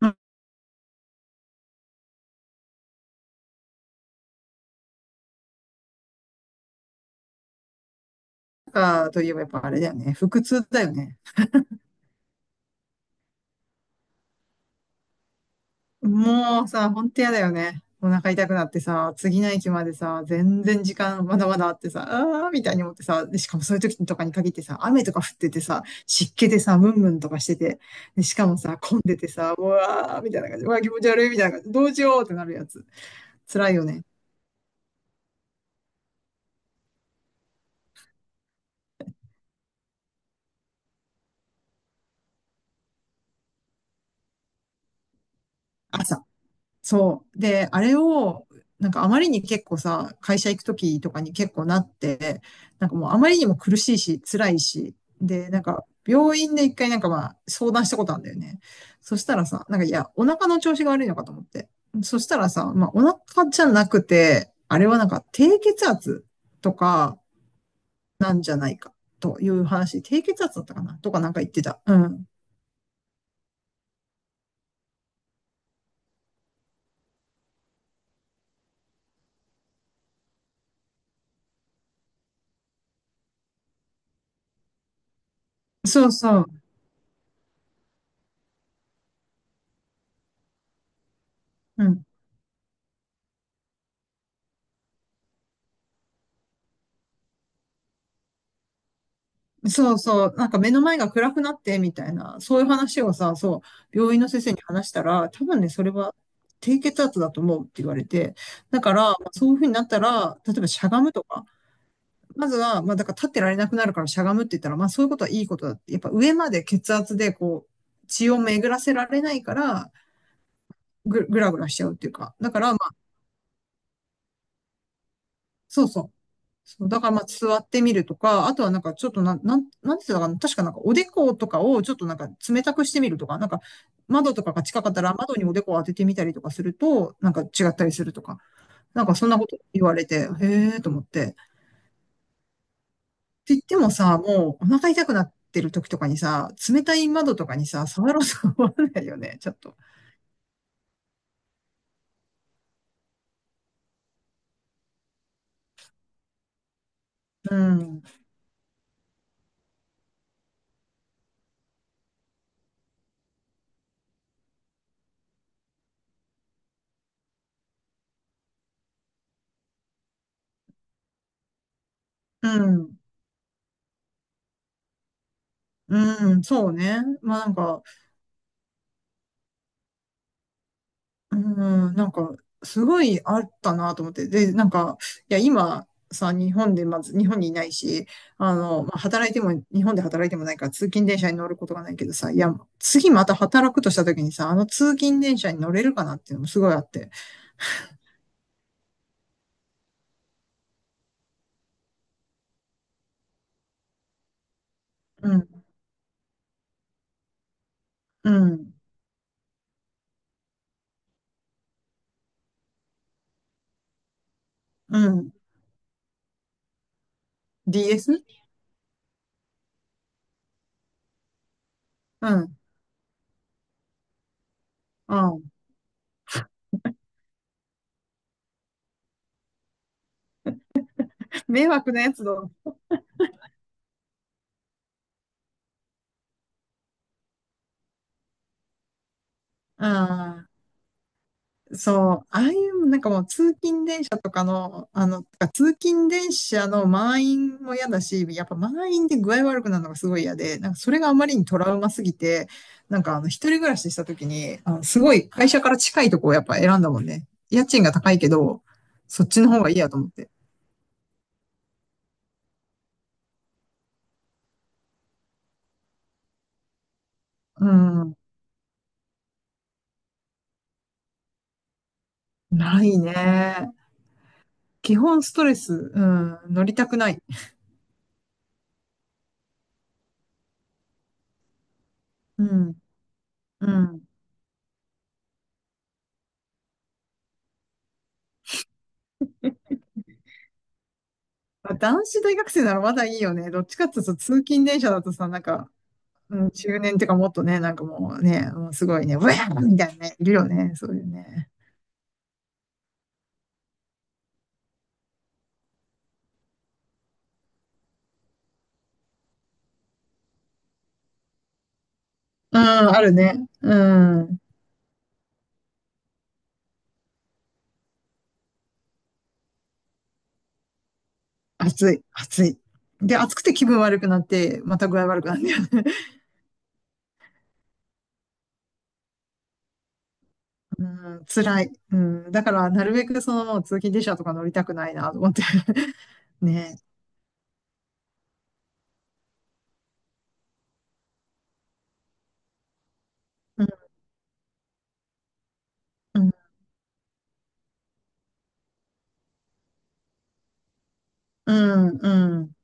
なんか、といえばやっぱあれだよね。腹痛だよね。もうさ、ほんと嫌だよね。お腹痛くなってさ、次の駅までさ、全然時間まだまだあってさ、あーみたいに思ってさ、で、しかもそういう時とかに限ってさ、雨とか降っててさ、湿気でさ、ムンムンとかしてて、で、しかもさ、混んでてさ、うわーみたいな感じ、うわー気持ち悪いみたいな感じ、どうしようってなるやつ。辛いよね。朝。そう。で、あれを、なんかあまりに結構さ、会社行くときとかに結構なって、なんかもうあまりにも苦しいし、辛いし、で、なんか病院で一回なんかまあ相談したことあるんだよね。そしたらさ、なんかいや、お腹の調子が悪いのかと思って。そしたらさ、まあお腹じゃなくて、あれはなんか低血圧とかなんじゃないかという話、低血圧だったかなとかなんか言ってた。うん。そうそう。うん、そうそう、なんか目の前が暗くなってみたいな、そういう話をさ、そう、病院の先生に話したら、多分ね、それは低血圧だと思うって言われて、だから、まあそういうふうになったら、例えばしゃがむとか、まずは、まあだから立ってられなくなるからしゃがむって言ったら、まあそういうことはいいことだって、やっぱ上まで血圧でこう、血を巡らせられないから、ぐらぐらしちゃうっていうか、だから、まあ、そうそう、そう、だからまあ座ってみるとか、あとはなんかちょっとなんていかな、確かなんかおでことかをちょっとなんか冷たくしてみるとか、なんか窓とかが近かったら窓におでこを当ててみたりとかすると、なんか違ったりするとか、なんかそんなこと言われて、へえーと思って。って言ってもさ、もうお腹痛くなってる時とかにさ、冷たい窓とかにさ、触ろうと思わないよね、ちょっと。うん、うん、うん、そうね。まあなんか、うん、なんか、すごいあったなと思って。で、なんか、いや、今さ、日本で、まず、日本にいないし、あの、まあ、働いても、日本で働いてもないから、通勤電車に乗ることがないけどさ、いや、次また働くとした時にさ、あの通勤電車に乗れるかなっていうのもすごいあって。うん、うん、うん。DS？ うん、うん。迷惑なやつだ。うん。そう、ああいうなんかもう通勤電車とかの、あの、てか通勤電車の満員も嫌だし、やっぱ満員で具合悪くなるのがすごい嫌で、なんかそれがあまりにトラウマすぎて、なんかあの一人暮らしした時に、あのすごい会社から近いとこをやっぱ選んだもんね。家賃が高いけど、そっちの方がいいやと思って。うん、ないね。基本ストレス、うん、乗りたくない。うん、うん。まあ男子大学生ならまだいいよね。どっちかっていうと通勤電車だとさ、なんか、うん、中年っていうかもっとね、なんかもうね、もうすごいね、ウェーみたいなね、いるよね、そういうね。うん、あるね。うん。暑い、暑い。で、暑くて気分悪くなって、また具合悪くなるんだよね。うん、辛い。うん、だから、なるべくその、通勤電車とか乗りたくないな、と思って。ね。うん、うん、うん、うん、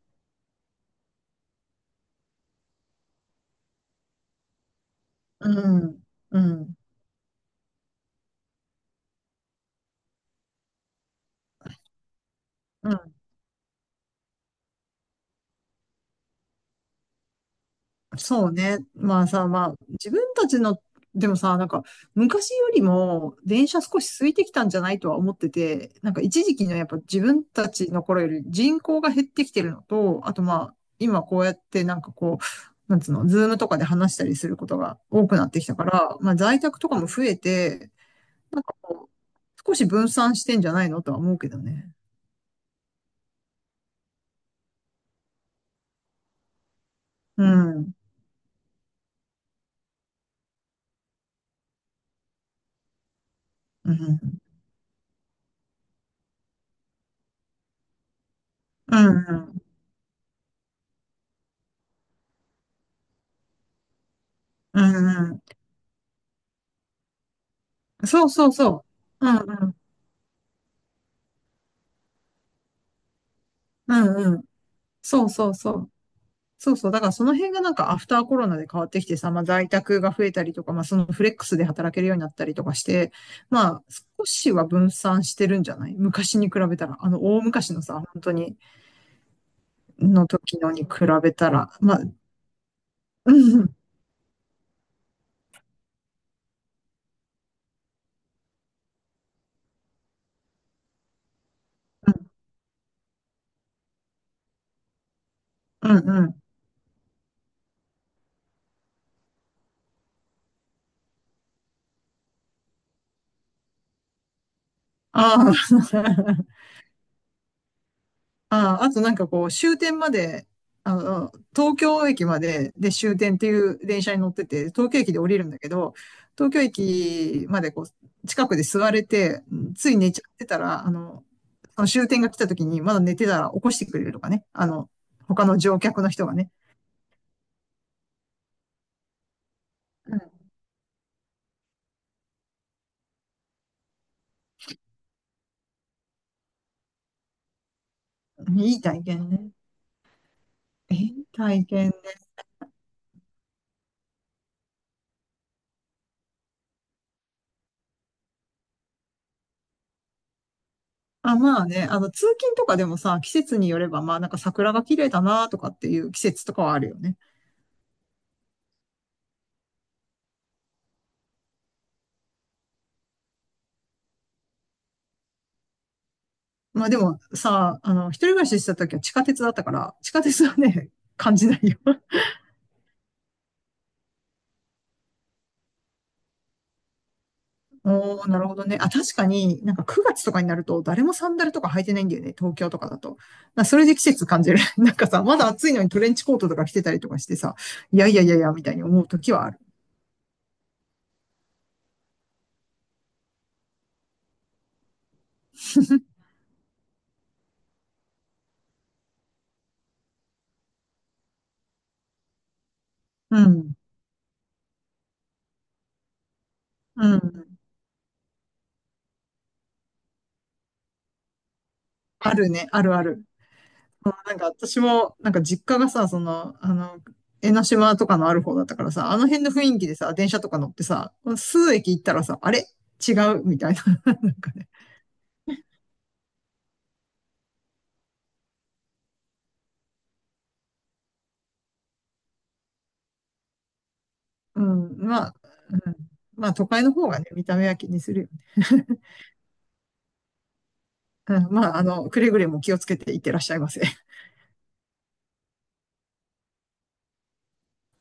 うん、うん。うん、そうね。まあさ、まあ、自分たちの、でもさ、なんか、昔よりも電車少し空いてきたんじゃないとは思ってて、なんか一時期のやっぱ自分たちの頃より人口が減ってきてるのと、あとまあ、今こうやってなんかこう、なんつうの、ズームとかで話したりすることが多くなってきたから、まあ在宅とかも増えて、少し分散してんじゃないのとは思うけどね。うん。うん。うん。うん。うん。そうそうそう。うん。うん。うん。そうそうそう。そうそう。だからその辺がなんかアフターコロナで変わってきてさ、まあ在宅が増えたりとか、まあそのフレックスで働けるようになったりとかして、まあ少しは分散してるんじゃない昔に比べたら、あの大昔のさ、本当に、の時のに比べたら、まあ、うん、うん、うん。うん、ああ、ああ、あとなんかこう、終点まで、あの、東京駅まで、で終点っていう電車に乗ってて、東京駅で降りるんだけど、東京駅までこう、近くで座れて、つい寝ちゃってたら、あの、その終点が来た時にまだ寝てたら起こしてくれるとかね。あの、他の乗客の人がね。うん、いい体験ね。いい体験ね。あ、まあね、あの、通勤とかでもさ、季節によれば、まあなんか桜が綺麗だなとかっていう季節とかはあるよね。まあでもさ、あの、一人暮らししてた時は地下鉄だったから、地下鉄はね、感じないよ。おー、なるほどね。あ、確かになんか9月とかになると誰もサンダルとか履いてないんだよね、東京とかだと。それで季節感じる。なんかさ、まだ暑いのにトレンチコートとか着てたりとかしてさ、いやいやいやいや、みたいに思う時はある。うん、うん。あるね、あるある。なんか私も、なんか実家がさ、その、あの、江ノ島とかのある方だったからさ、あの辺の雰囲気でさ、電車とか乗ってさ、数駅行ったらさ、あれ違うみたいな。なんかね。うん。まあ、うん、まあ都会の方がね、見た目は気にするよね。うん、まあ、あの、くれぐれも気をつけていってらっしゃいませ。